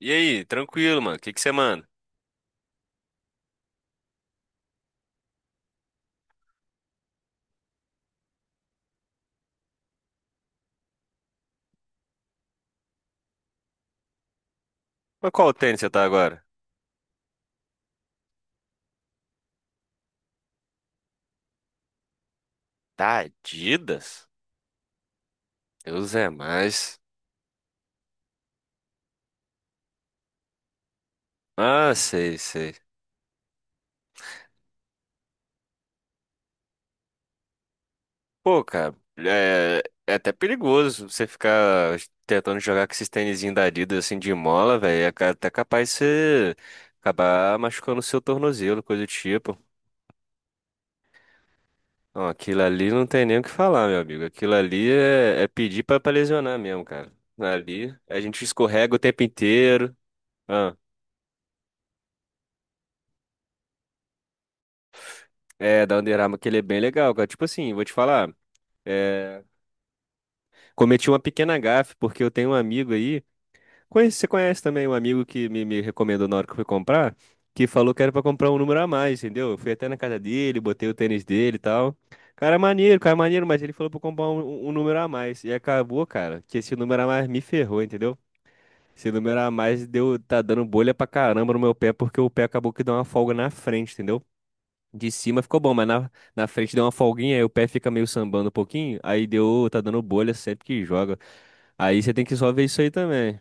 E aí, tranquilo, mano? O que que você manda? Mas qual tênis você tá agora? Tá Adidas? Deus é mais. Ah, sei, sei. Pô, cara, é até perigoso você ficar tentando jogar com esses tênisinhos da Adidas assim de mola, velho. Até capaz de você acabar machucando o seu tornozelo, coisa do tipo. Ó, aquilo ali não tem nem o que falar, meu amigo. Aquilo ali é pedir pra lesionar mesmo, cara. Ali a gente escorrega o tempo inteiro. É, da Under Armour, que ele é bem legal, cara. Tipo assim, vou te falar, é, cometi uma pequena gafe, porque eu tenho um amigo aí, conhece, você conhece também um amigo que me recomendou na hora que eu fui comprar, que falou que era pra comprar um número a mais, entendeu? Eu fui até na casa dele, botei o tênis dele e tal. Cara, maneiro, mas ele falou pra eu comprar um número a mais. E acabou, cara, que esse número a mais me ferrou, entendeu? Esse número a mais tá dando bolha pra caramba no meu pé, porque o pé acabou que deu uma folga na frente, entendeu? De cima ficou bom, mas na frente deu uma folguinha, aí o pé fica meio sambando um pouquinho, aí tá dando bolha sempre que joga. Aí você tem que só ver isso aí também.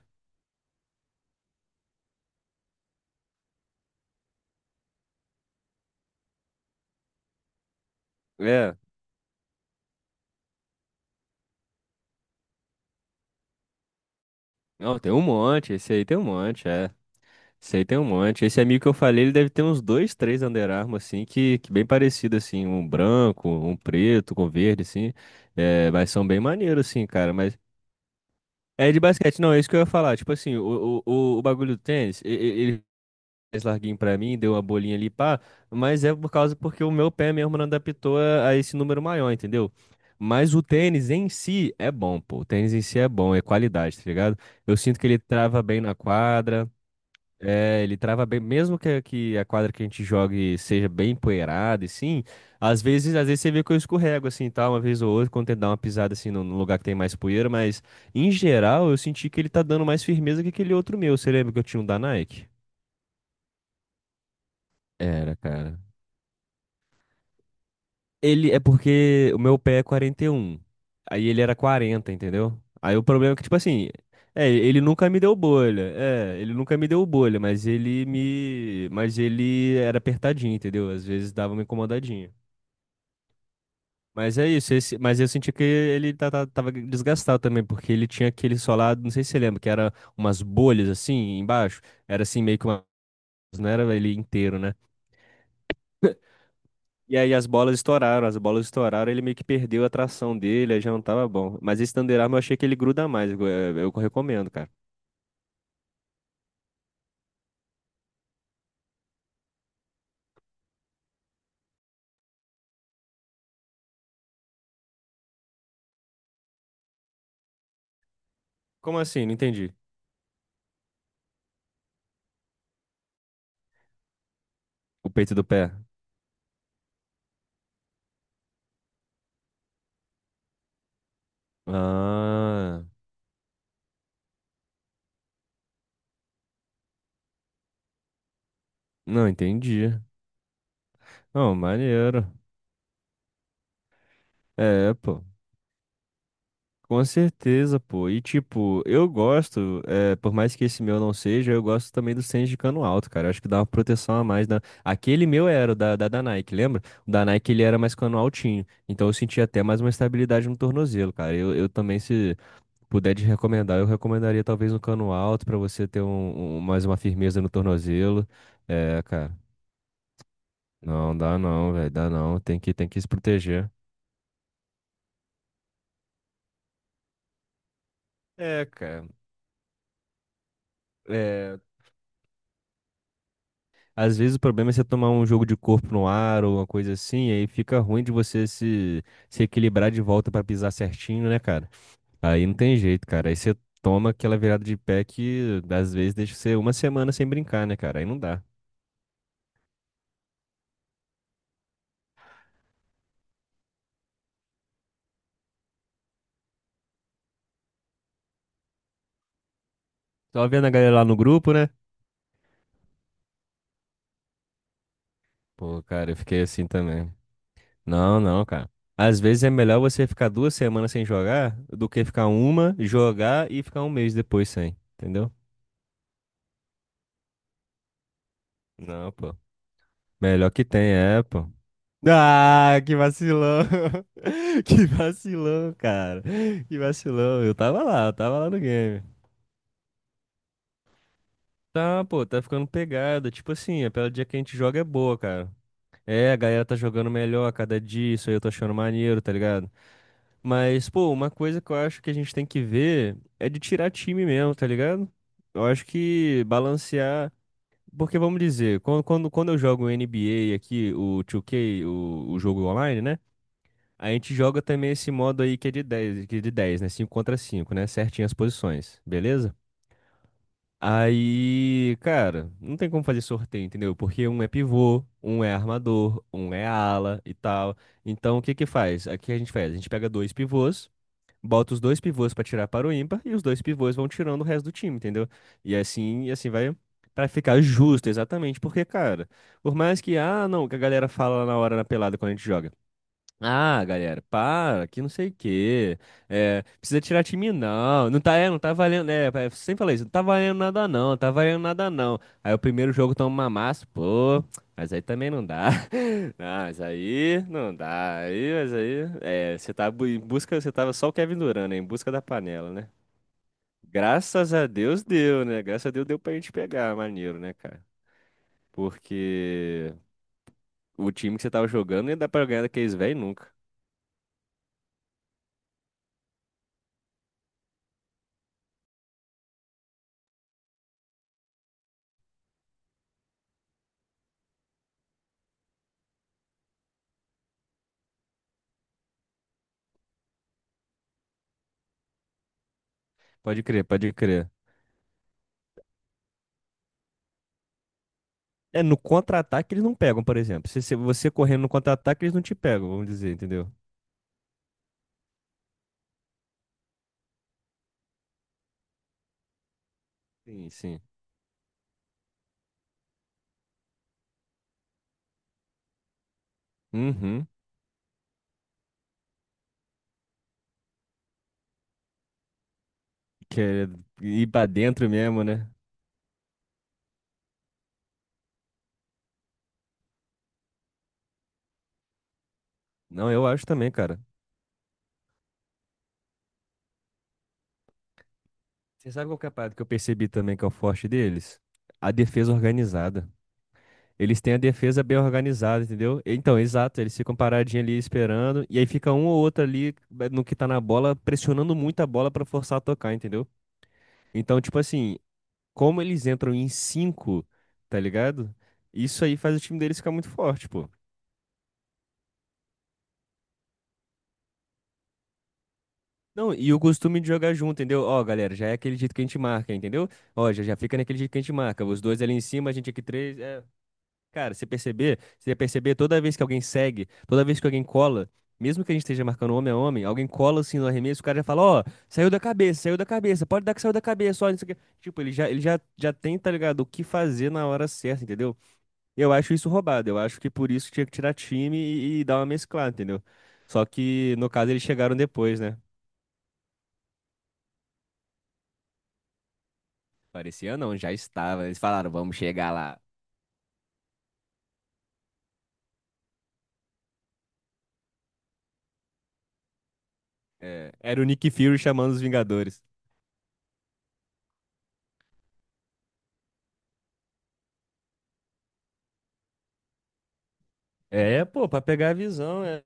É, não, tem um monte, esse aí tem um monte, é. Esse aí tem um monte. Esse amigo que eu falei, ele deve ter uns dois, três Under Armour, assim, que bem parecido, assim, um branco, um preto, com verde, assim. É, mas são bem maneiros, assim, cara, mas... É de basquete, não, é isso que eu ia falar. Tipo assim, o bagulho do tênis, ele mais larguinho pra mim, deu uma bolinha ali, pá, mas é por causa porque o meu pé mesmo não adaptou a esse número maior, entendeu? Mas o tênis em si é bom, pô. O tênis em si é bom, é qualidade, tá ligado? Eu sinto que ele trava bem na quadra, é, ele trava bem, mesmo que a quadra que a gente jogue seja bem empoeirada, e sim, às vezes você vê que eu escorrego assim, e tal, uma vez ou outra, quando tento dar uma pisada assim no lugar que tem mais poeira, mas em geral eu senti que ele tá dando mais firmeza que aquele outro meu. Você lembra que eu tinha um da Nike? Era, cara. Ele é porque o meu pé é 41. Aí ele era 40, entendeu? Aí o problema é que, tipo assim, é, ele nunca me deu bolha. É, ele nunca me deu bolha, mas ele me. Mas ele era apertadinho, entendeu? Às vezes dava uma incomodadinha. Mas é isso, mas eu senti que ele tava desgastado também, porque ele tinha aquele solado, não sei se você lembra, que era umas bolhas assim embaixo. Era assim meio que uma. Não era ele inteiro, né? E aí as bolas estouraram, ele meio que perdeu a tração dele, aí já não tava bom. Mas esse Thunderarm eu achei que ele gruda mais, eu recomendo, cara. Como assim? Não entendi. O peito do pé. Ah, não entendi. Não, maneiro. É, pô. Com certeza, pô. E tipo, eu gosto, por mais que esse meu não seja, eu gosto também do Sense de cano alto, cara. Acho que dá uma proteção a mais. Aquele meu era o da Nike, lembra? O da Nike ele era mais cano altinho. Então eu sentia até mais uma estabilidade no tornozelo, cara. Eu também, se puder te recomendar, eu recomendaria talvez um cano alto pra você ter mais uma firmeza no tornozelo. É, cara. Não, dá não, velho. Dá não. Tem que se proteger. É, cara. Às vezes o problema é você tomar um jogo de corpo no ar ou uma coisa assim, e aí fica ruim de você se equilibrar de volta pra pisar certinho, né, cara? Aí não tem jeito, cara. Aí você toma aquela virada de pé que às vezes deixa você uma semana sem brincar, né, cara? Aí não dá. Tava vendo a galera lá no grupo, né? Pô, cara, eu fiquei assim também. Não, não, cara. Às vezes é melhor você ficar 2 semanas sem jogar do que ficar uma, jogar e ficar um mês depois sem, entendeu? Não, pô. Melhor que tem, é, pô. Ah, que vacilão. Que vacilão, cara. Que vacilão. Eu tava lá no game. Tá, pô, tá ficando pegada. Tipo assim, a pela dia que a gente joga é boa, cara. É, a galera tá jogando melhor a cada dia, isso aí eu tô achando maneiro, tá ligado? Mas, pô, uma coisa que eu acho que a gente tem que ver é de tirar time mesmo, tá ligado? Eu acho que balancear. Porque vamos dizer, quando eu jogo NBA aqui, o 2K, o jogo online, né? A gente joga também esse modo aí que é de dez, né? Cinco contra cinco, né? Certinho as posições, beleza? Aí, cara, não tem como fazer sorteio, entendeu? Porque um é pivô, um é armador, um é ala e tal. Então, o que que faz? Aqui a gente faz, a gente pega dois pivôs, bota os dois pivôs pra tirar para o ímpar e os dois pivôs vão tirando o resto do time, entendeu? E assim vai, pra ficar justo, exatamente, porque, cara, por mais que, ah, não, que a galera fala lá na hora na pelada quando a gente joga. Ah, galera, para, que não sei o quê. É, precisa tirar time, não. Não tá valendo. É, sempre falei isso, não tá valendo nada, não, não tá valendo nada, não. Aí o primeiro jogo toma uma massa, pô. Mas aí também não dá. Não, mas aí não dá. Aí, mas aí. É, você tá em busca, você tava só o Kevin Durant, né? Em busca da panela, né? Graças a Deus deu, né? Graças a Deus deu pra gente pegar, maneiro, né, cara? Porque o time que você tava jogando não ia dar pra ganhar daqueles velhos nunca. Pode crer, pode crer. É, no contra-ataque eles não pegam, por exemplo. Se você correndo no contra-ataque, eles não te pegam, vamos dizer, entendeu? Sim, sim. Uhum. Quer ir pra dentro mesmo, né? Não, eu acho também, cara. Você sabe qual que é a parada que eu percebi também que é o forte deles? A defesa organizada. Eles têm a defesa bem organizada, entendeu? Então, exato, eles ficam paradinhos ali esperando, e aí fica um ou outro ali no que tá na bola, pressionando muito a bola pra forçar a tocar, entendeu? Então, tipo assim, como eles entram em cinco, tá ligado? Isso aí faz o time deles ficar muito forte, pô. Não, e o costume de jogar junto, entendeu? Ó, galera, já é aquele jeito que a gente marca, entendeu? Ó, já fica naquele jeito que a gente marca. Os dois ali em cima, a gente aqui três. É... Cara, você perceber toda vez que alguém segue, toda vez que alguém cola, mesmo que a gente esteja marcando homem a homem, alguém cola assim no arremesso, o cara já fala, ó, saiu da cabeça, pode dar que saiu da cabeça, ó, não sei o quê. Tipo, ele já tem, tá ligado, o que fazer na hora certa, entendeu? Eu acho isso roubado. Eu acho que por isso tinha que tirar time e dar uma mesclada, entendeu? Só que, no caso, eles chegaram depois, né? Parecia não, já estava. Eles falaram, vamos chegar lá. É, era o Nick Fury chamando os Vingadores. É, pô, pra pegar a visão, é.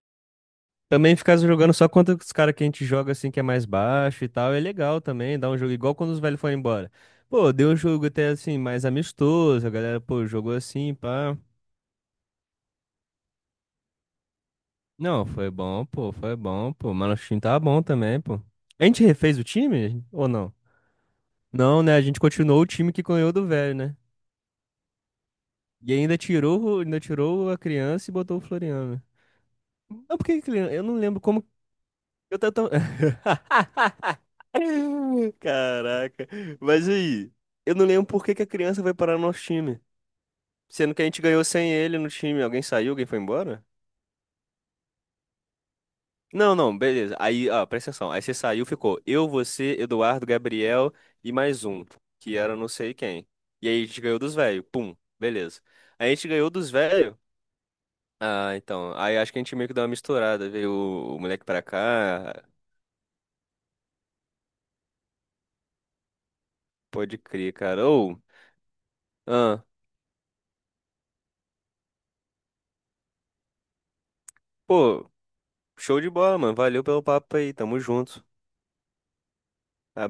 Também ficar jogando só contra os caras que a gente joga assim, que é mais baixo e tal, é legal também, dá um jogo igual quando os velhos foram embora. Pô, deu um jogo até assim, mais amistoso, a galera, pô, jogou assim, pá. Não, foi bom, pô, foi bom, pô. Mas nosso time tava bom também, pô. A gente refez o time ou não? Não, né? A gente continuou o time que ganhou do velho, né? E ainda tirou a criança e botou o Floriano. Não, porque criança, eu não lembro como eu tô tão... Caraca. Mas aí, eu não lembro por que que a criança vai parar no nosso time, sendo que a gente ganhou sem ele no time. Alguém saiu, alguém foi embora? Não, não, beleza. Aí, ó, presta atenção. Aí você saiu, ficou eu, você, Eduardo, Gabriel e mais um, que era não sei quem. E aí a gente ganhou dos velhos. Pum, beleza. Aí a gente ganhou dos velhos. Ah, então. Aí acho que a gente meio que deu uma misturada. Veio o moleque pra cá. Pode crer, cara. Ô, ah, pô, show de bola, mano. Valeu pelo papo aí. Tamo junto.